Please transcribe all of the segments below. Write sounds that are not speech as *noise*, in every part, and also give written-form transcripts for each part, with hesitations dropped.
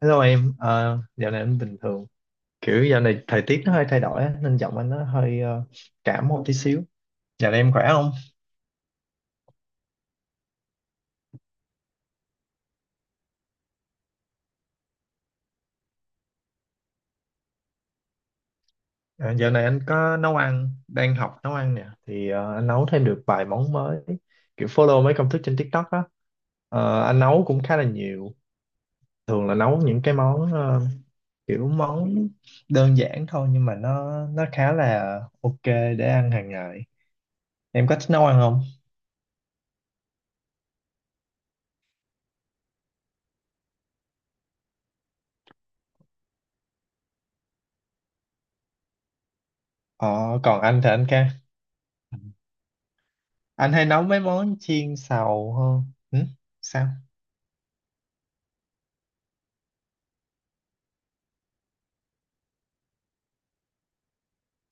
Hello em, dạo này anh bình thường. Kiểu dạo này thời tiết nó hơi thay đổi á, nên giọng anh nó hơi cảm một tí xíu. Dạo này em khỏe không? Ờ, dạo này anh có nấu ăn, đang học nấu ăn nè. Thì anh nấu thêm được vài món mới. Kiểu follow mấy công thức trên TikTok á. Anh nấu cũng khá là nhiều. Thường là nấu những cái món kiểu món đơn giản thôi nhưng mà nó khá là ok để ăn hàng ngày. Em có thích nấu ăn không? Ờ, còn anh thì anh ca. Anh hay nấu mấy món chiên xào hơn. Ừ? Sao?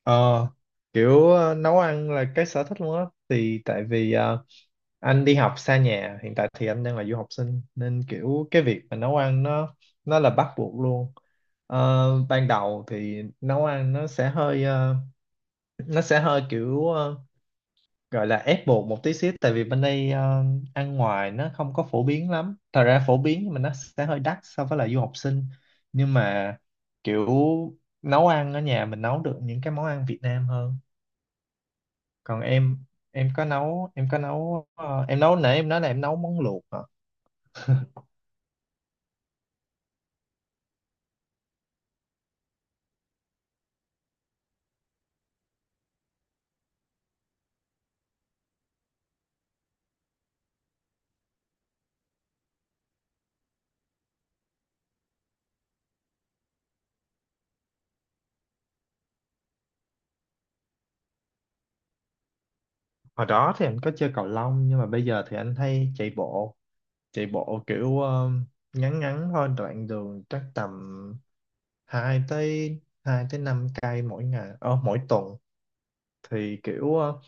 ờ Kiểu nấu ăn là cái sở thích luôn á, thì tại vì anh đi học xa nhà hiện tại, thì anh đang là du học sinh nên kiểu cái việc mà nấu ăn nó là bắt buộc luôn. Ban đầu thì nấu ăn nó sẽ hơi nó sẽ hơi kiểu gọi là ép buộc một tí xíu, tại vì bên đây ăn ngoài nó không có phổ biến lắm, thật ra phổ biến nhưng mà nó sẽ hơi đắt so với là du học sinh, nhưng mà kiểu nấu ăn ở nhà mình nấu được những cái món ăn Việt Nam hơn. Còn em có nấu ờ, em nấu nãy em nói là em nấu món luộc hả? Hồi đó thì anh có chơi cầu lông, nhưng mà bây giờ thì anh hay Chạy bộ kiểu ngắn ngắn thôi, đoạn đường chắc tầm 2 tới 5 cây mỗi ngày, mỗi tuần. Thì kiểu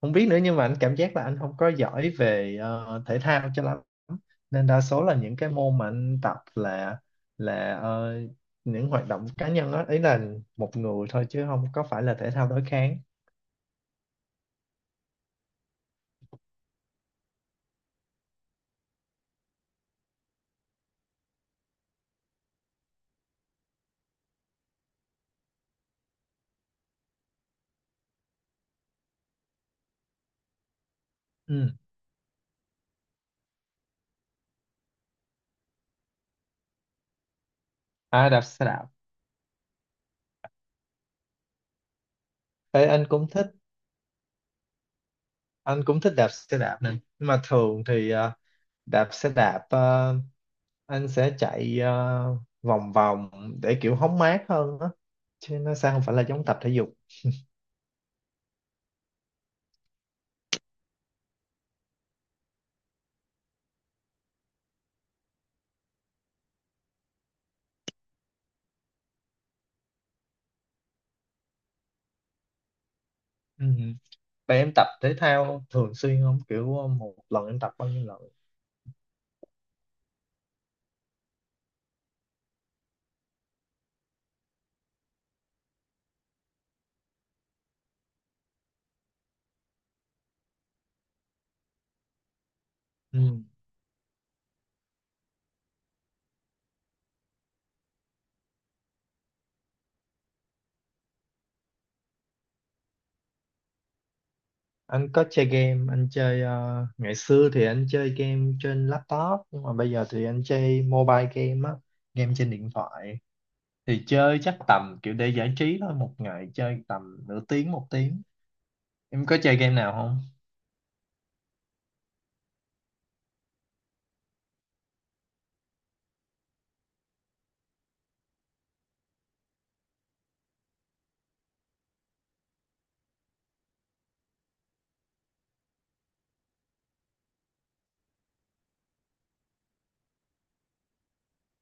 không biết nữa, nhưng mà anh cảm giác là anh không có giỏi về thể thao cho lắm, nên đa số là những cái môn mà anh tập là là ờ, những hoạt động cá nhân đó, ý là một người thôi chứ không có phải là thể thao đối kháng. Ừ. À, đạp xe đạp. Ê, anh cũng thích đạp xe đạp nè. Nhưng mà thường thì đạp xe đạp, anh sẽ chạy vòng vòng để kiểu hóng mát hơn đó, chứ nó sẽ không phải là giống tập thể dục. Ừ. Vậy em tập thể thao thường xuyên không? Kiểu một lần em tập bao nhiêu lần? Ừ. Anh có chơi game, anh chơi ngày xưa thì anh chơi game trên laptop, nhưng mà bây giờ thì anh chơi mobile game á, game trên điện thoại. Thì chơi chắc tầm kiểu để giải trí thôi, một ngày chơi tầm nửa tiếng một tiếng. Em có chơi game nào không?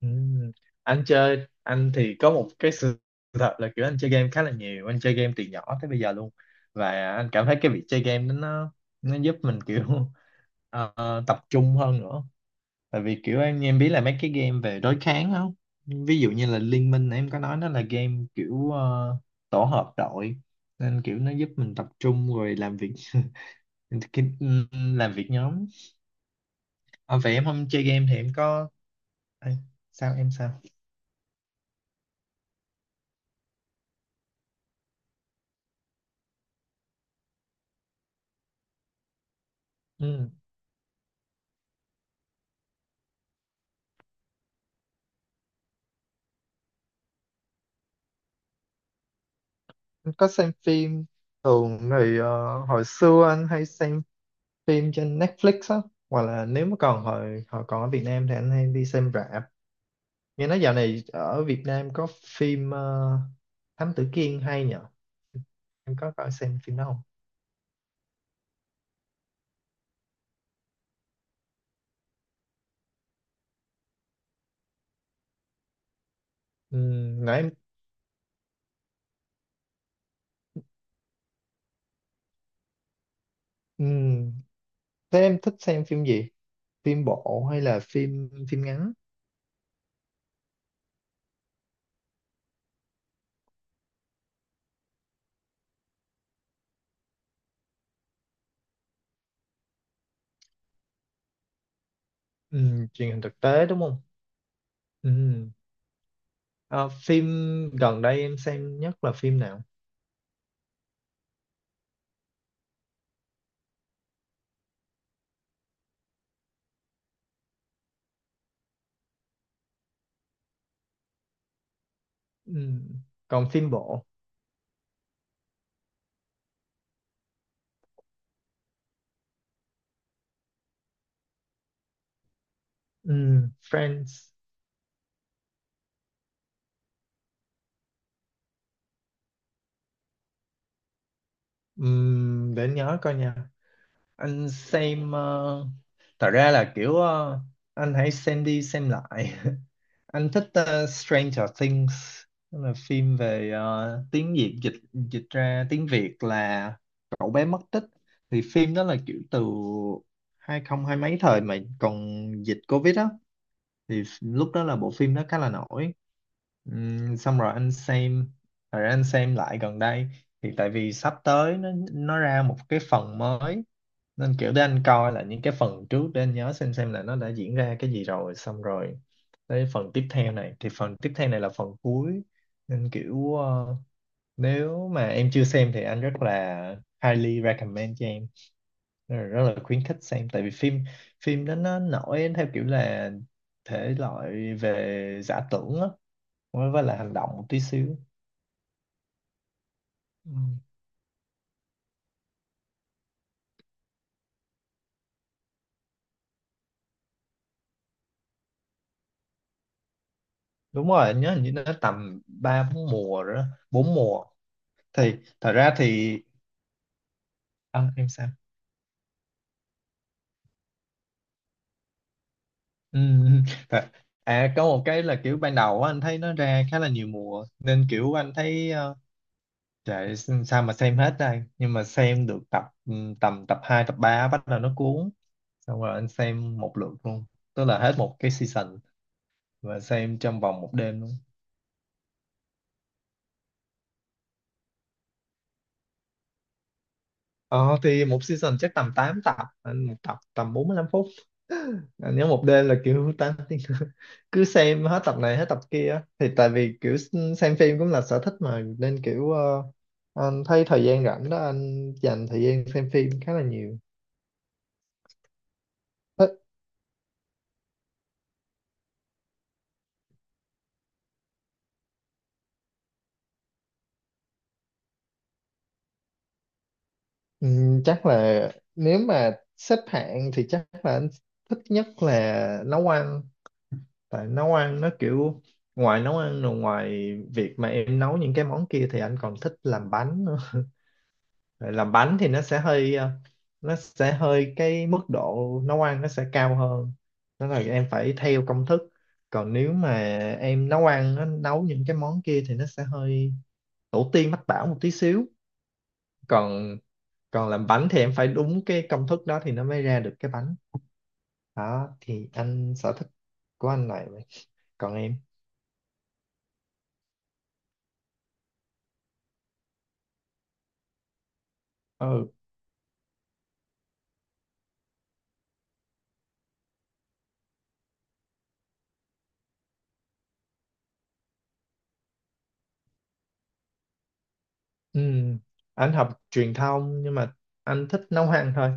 Ừm. Anh thì có một cái sự thật là kiểu anh chơi game khá là nhiều, anh chơi game từ nhỏ tới bây giờ luôn, và anh cảm thấy cái việc chơi game đó nó giúp mình kiểu *laughs* ờ, tập trung hơn nữa. Tại vì kiểu anh em biết là mấy cái game về đối kháng không, ví dụ như là Liên Minh em có nói, nó là game kiểu tổ hợp đội, nên kiểu nó giúp mình tập trung rồi làm việc cái- làm việc nhóm. À, vậy em không chơi game thì em có. Ê, sao em, sao? Anh có xem phim, thường thì hồi xưa anh hay xem phim trên Netflix á, hoặc là nếu mà còn hồi hồi còn ở Việt Nam thì anh hay đi xem rạp. Nghe nói dạo này ở Việt Nam có phim Thám Tử Kiên hay nhở, em có xem phim đó không? Ừ, nãy em. Ừ, thế em thích xem phim gì, phim bộ hay là phim phim ngắn? Ừ, truyền hình thực tế đúng không. Ừ. Ờ, phim gần đây em xem nhất là phim nào? Ừ. Còn phim bộ. Friends. Để anh nhớ coi nha. Anh xem thật ra là kiểu anh hãy xem đi xem lại *laughs* anh thích Stranger Things. Đó là phim về tiếng Việt dịch dịch ra tiếng Việt là cậu bé mất tích. Thì phim đó là kiểu từ 2020, mấy thời mà còn dịch Covid á, thì lúc đó là bộ phim nó khá là nổi. Xong rồi anh xem, rồi anh xem lại gần đây, thì tại vì sắp tới nó ra một cái phần mới, nên kiểu để anh coi là những cái phần trước để anh nhớ xem là nó đã diễn ra cái gì. Rồi xong rồi tới phần tiếp theo này, thì phần tiếp theo này là phần cuối, nên kiểu nếu mà em chưa xem thì anh rất là highly recommend cho em, nên là rất là khuyến khích xem. Tại vì phim, đó nó nổi theo kiểu là thể loại về giả tưởng á, với là hành động một tí xíu. Ừ. Đúng rồi, anh nhớ hình như nó tầm ba bốn mùa rồi đó, bốn mùa. Thì thật ra thì. À, em sao? Ừ. *laughs* thật- À có một cái là kiểu ban đầu á, anh thấy nó ra khá là nhiều mùa, nên kiểu anh thấy Trời, sao mà xem hết đây. Nhưng mà xem được tập, tầm tập 2 tập 3 bắt đầu nó cuốn, xong rồi anh xem một lượt luôn, tức là hết một cái season, và xem trong vòng một đêm luôn. Ờ thì một season chắc tầm 8 tập, anh một tập tầm 45 phút. Anh nhớ một đêm là kiểu 8 tiếng *laughs* cứ xem hết tập này hết tập kia á. Thì tại vì kiểu xem phim cũng là sở thích mà, nên kiểu anh thấy thời gian rảnh đó anh dành thời gian xem phim khá là nhiều. Ừ, chắc là nếu mà xếp hạng thì chắc là anh thích nhất là nấu ăn. Tại nấu ăn nó kiểu, ngoài nấu ăn rồi, ngoài việc mà em nấu những cái món kia thì anh còn thích làm bánh nữa. Tại làm bánh thì nó sẽ hơi nó sẽ hơi cái mức độ nấu ăn nó sẽ cao hơn, đó là em phải theo công thức. Còn nếu mà em nấu ăn, nó nấu những cái món kia thì nó sẽ hơi tổ tiên mách bảo một tí xíu. Còn, làm bánh thì em phải đúng cái công thức đó thì nó mới ra được cái bánh đó. Thì anh, sở thích của anh này. Còn em. Ừ, ừ. Anh học truyền thông, nhưng mà anh thích nấu ăn thôi.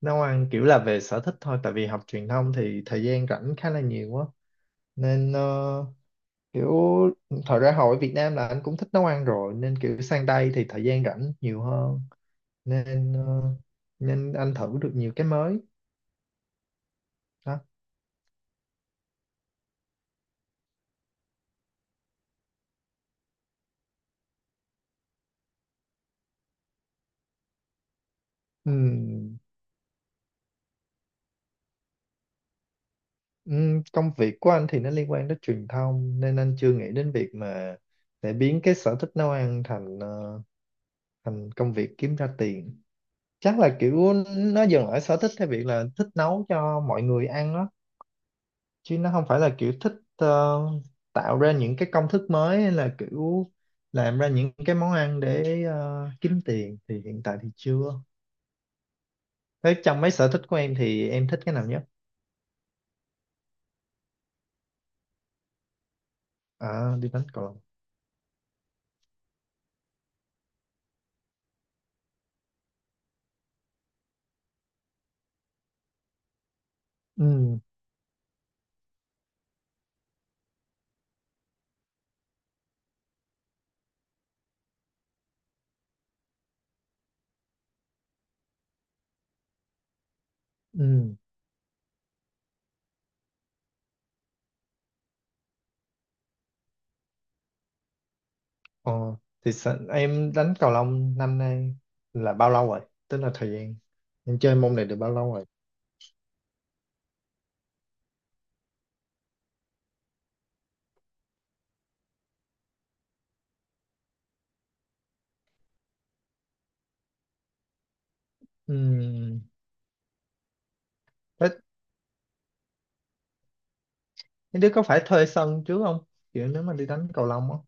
Nấu ăn kiểu là về sở thích thôi, tại vì học truyền thông thì thời gian rảnh khá là nhiều quá, nên kiểu thời ra hồi ở Việt Nam là anh cũng thích nấu ăn rồi, nên kiểu sang đây thì thời gian rảnh nhiều hơn, nên ờ, nên anh thử được nhiều cái mới đó. Ừ. Công việc của anh thì nó liên quan đến truyền thông, nên anh chưa nghĩ đến việc mà để biến cái sở thích nấu ăn thành công việc kiếm ra tiền. Chắc là kiểu nó dừng ở sở thích theo việc là thích nấu cho mọi người ăn đó, chứ nó không phải là kiểu thích tạo ra những cái công thức mới, hay là kiểu làm ra những cái món ăn để kiếm tiền, thì hiện tại thì chưa. Thế trong mấy sở thích của em thì em thích cái nào nhất? À, đi đánh cầu lông. Ừ, ừ. Ờ, thì em đánh cầu lông năm nay là bao lâu rồi? Tức là thời gian em chơi môn này được bao lâu rồi? Ừm, thế mấy đứa có phải thuê sân trước không? Kiểu nếu mà đi đánh cầu lông á.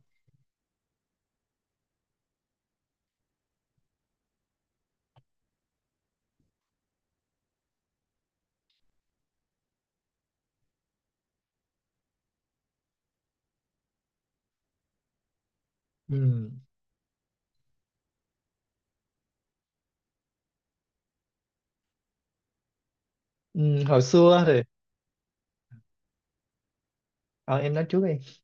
Ừm, hồi xưa thì ờ, em nói trước đi.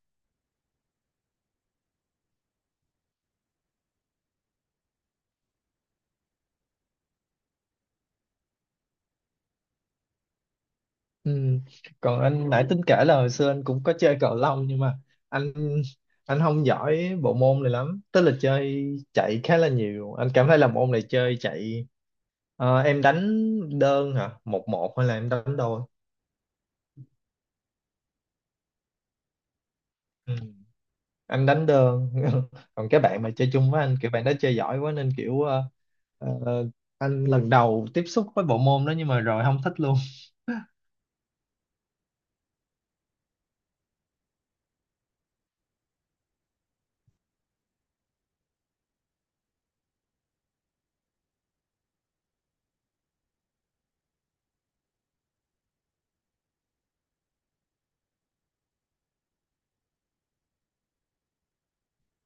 Ừm, còn anh nãy tính kể là hồi xưa anh cũng có chơi cầu lông, nhưng mà anh anh không giỏi bộ môn này lắm. Tức là chơi chạy khá là nhiều. Anh cảm thấy là môn này chơi chạy. Ờ, em đánh đơn hả? Một một hay là em đánh đôi? Anh đánh đơn *laughs* còn cái bạn mà chơi chung với anh, kiểu bạn đó chơi giỏi quá, nên kiểu ờ, anh lần đầu tiếp xúc với bộ môn đó, nhưng mà rồi không thích luôn.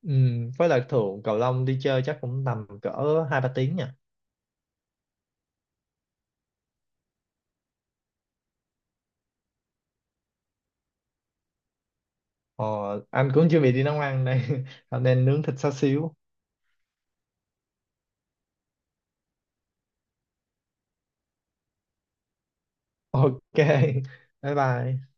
Ừ, với lại thường cầu lông đi chơi chắc cũng tầm cỡ hai ba tiếng nha. ờ, anh cũng chuẩn bị đi nấu ăn đây *laughs* nên nướng thịt xá xíu. Ok bye bye